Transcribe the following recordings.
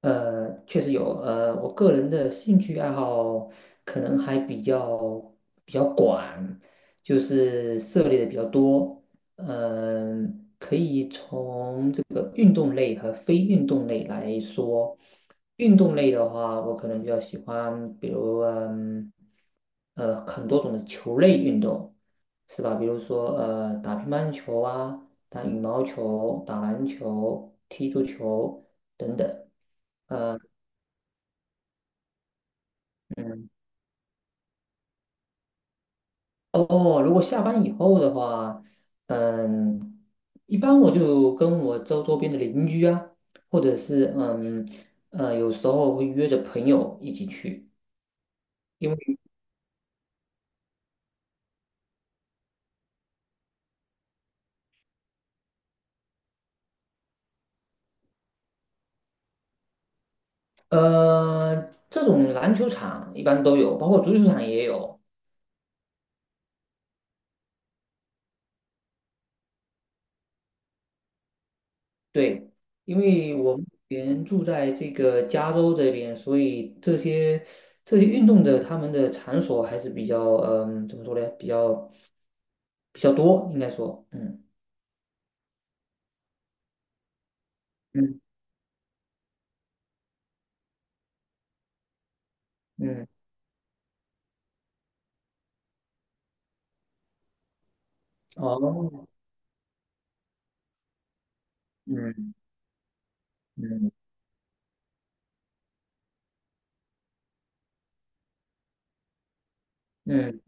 确实有，我个人的兴趣爱好可能还比较广，就是涉猎的比较多。嗯、从这个运动类和非运动类来说，运动类的话，我可能比较喜欢，比如很多种的球类运动，是吧？比如说打乒乓球啊，打羽毛球，打篮球，踢足球等等。嗯。哦，如果下班以后的话，嗯，一般我就跟我周边的邻居啊，或者是有时候会约着朋友一起去，因为这种篮球场一般都有，包括足球场也有。对，因为我目前住在这个加州这边，所以这些运动的他们的场所还是比较怎么说呢？比较多，应该说。嗯嗯嗯。哦。嗯嗯嗯。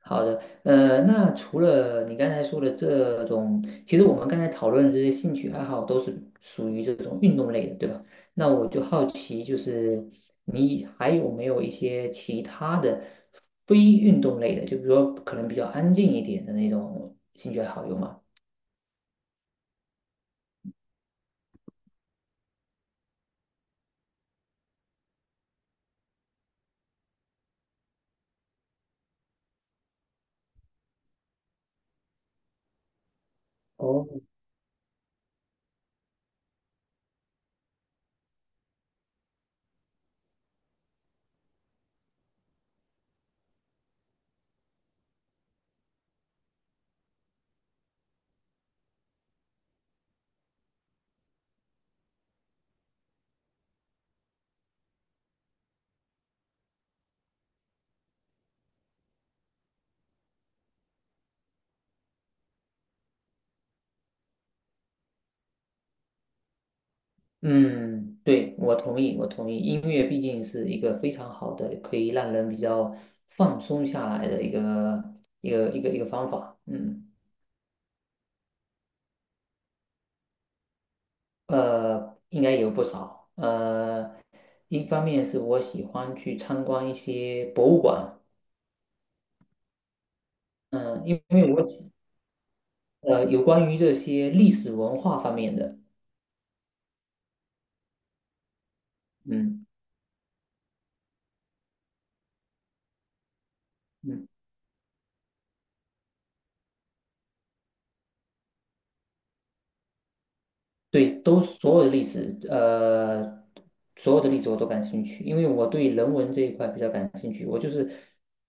好的。那除了你刚才说的这种，其实我们刚才讨论的这些兴趣爱好都是属于这种运动类的，对吧？那我就好奇，就是你还有没有一些其他的非运动类的，就比如说可能比较安静一点的那种兴趣爱好，有吗？哦。嗯，对，我同意，我同意。音乐毕竟是一个非常好的，可以让人比较放松下来的一个方法。应该有不少。一方面是我喜欢去参观一些博物馆，嗯、因为我喜呃有关于这些历史文化方面的。嗯嗯。对，都所有的历史，呃，所有的历史我都感兴趣，因为我对人文这一块比较感兴趣。我就是，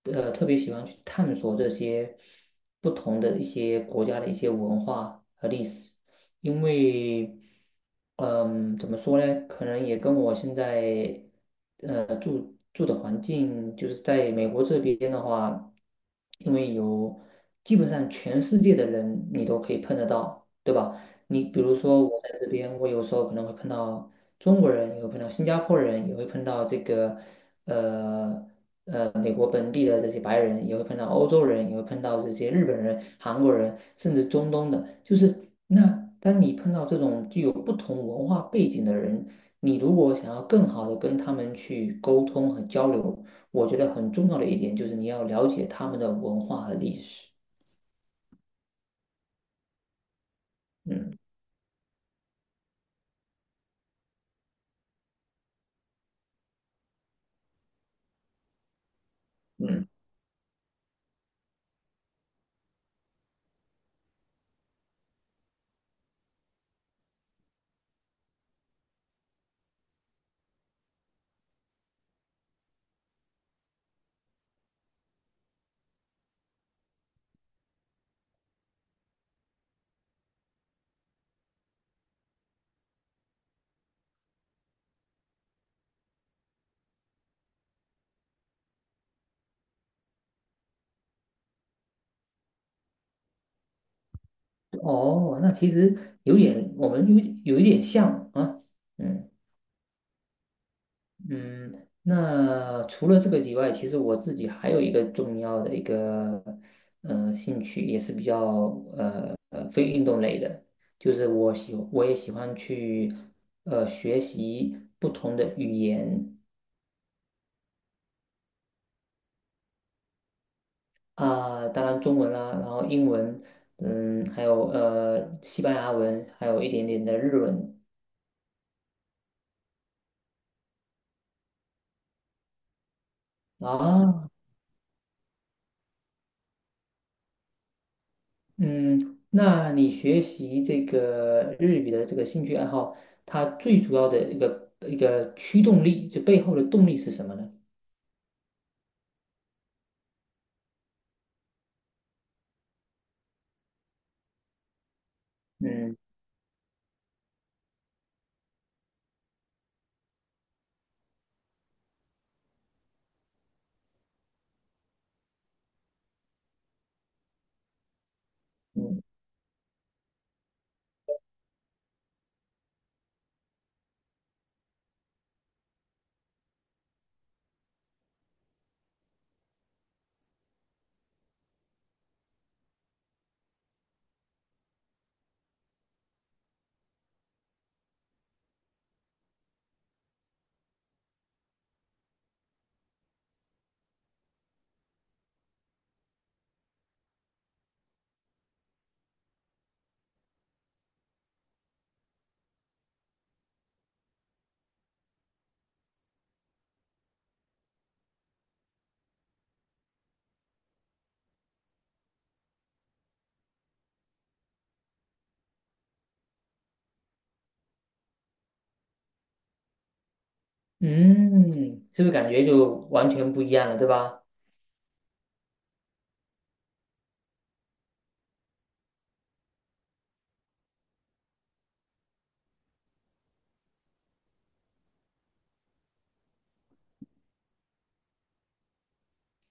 特别喜欢去探索这些不同的一些国家的一些文化和历史。因为，怎么说呢？可能也跟我现在，住的环境，就是在美国这边的话，因为有基本上全世界的人你都可以碰得到。对吧？你比如说，我在这边，我有时候可能会碰到中国人，也会碰到新加坡人，也会碰到这个呃美国本地的这些白人，也会碰到欧洲人，也会碰到这些日本人、韩国人，甚至中东的。就是那当你碰到这种具有不同文化背景的人，你如果想要更好的跟他们去沟通和交流，我觉得很重要的一点就是你要了解他们的文化和历史。嗯嗯。哦，那其实有点，我们有一点像啊。嗯嗯，那除了这个以外，其实我自己还有一个重要的兴趣，也是比较非运动类的，就是我也喜欢去学习不同的语言。啊，当然中文啦，然后英文，嗯，还有西班牙文，还有一点点的日文。啊。嗯，那你学习这个日语的这个兴趣爱好，它最主要的一个驱动力，就背后的动力是什么呢？嗯嗯。嗯，是不是感觉就完全不一样了，对吧？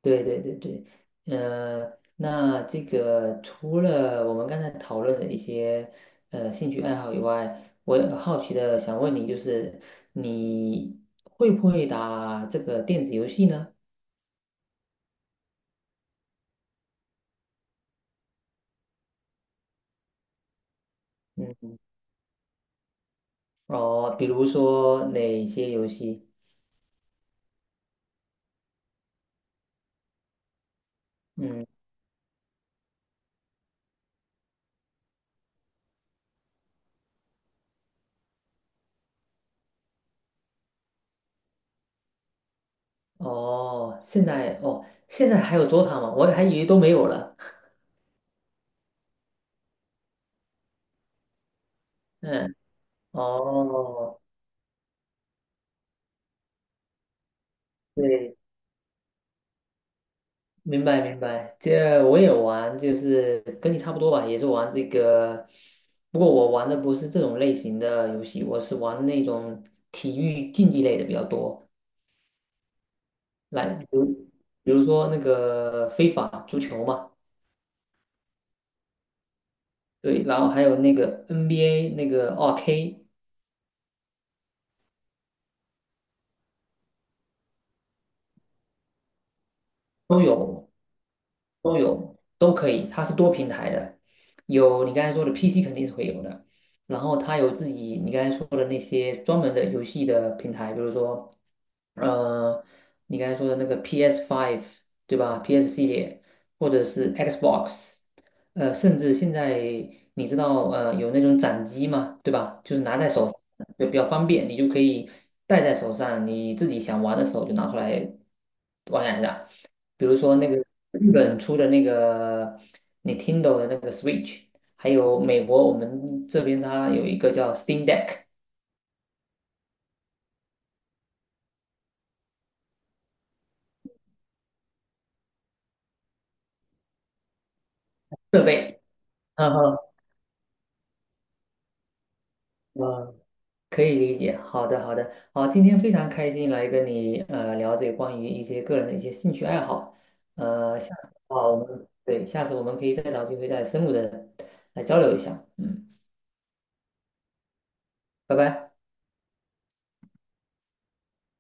对对对对。那这个除了我们刚才讨论的一些兴趣爱好以外，我也好奇的想问你，就是你会不会打这个电子游戏呢？嗯。哦，比如说哪些游戏？嗯。哦，现在还有 DOTA 吗？我还以为都没有了。嗯。哦，对，明白明白。这我也玩，就是跟你差不多吧，也是玩这个。不过我玩的不是这种类型的游戏，我是玩那种体育竞技类的比较多。来，比如说那个非法足球嘛。对，然后还有那个 NBA 那个2K 都有。都有，都可以，它是多平台的，有你刚才说的 PC 肯定是会有的，然后它有自己你刚才说的那些专门的游戏的平台，比如说呃，你刚才说的那个 PS5 对吧？PS 系列或者是 Xbox，甚至现在你知道有那种掌机嘛，对吧？就是拿在手上就比较方便，你就可以戴在手上，你自己想玩的时候就拿出来，比如说那个日本出的那个 Nintendo 的那个 Switch，还有美国我们这边它有一个叫 Steam Deck 设备。嗯哼。嗯，可以理解。好的，好的，好，今天非常开心来跟你了解关于一些个人的一些兴趣爱好。下次我们可以再找机会再深入的来交流一下。嗯。拜拜。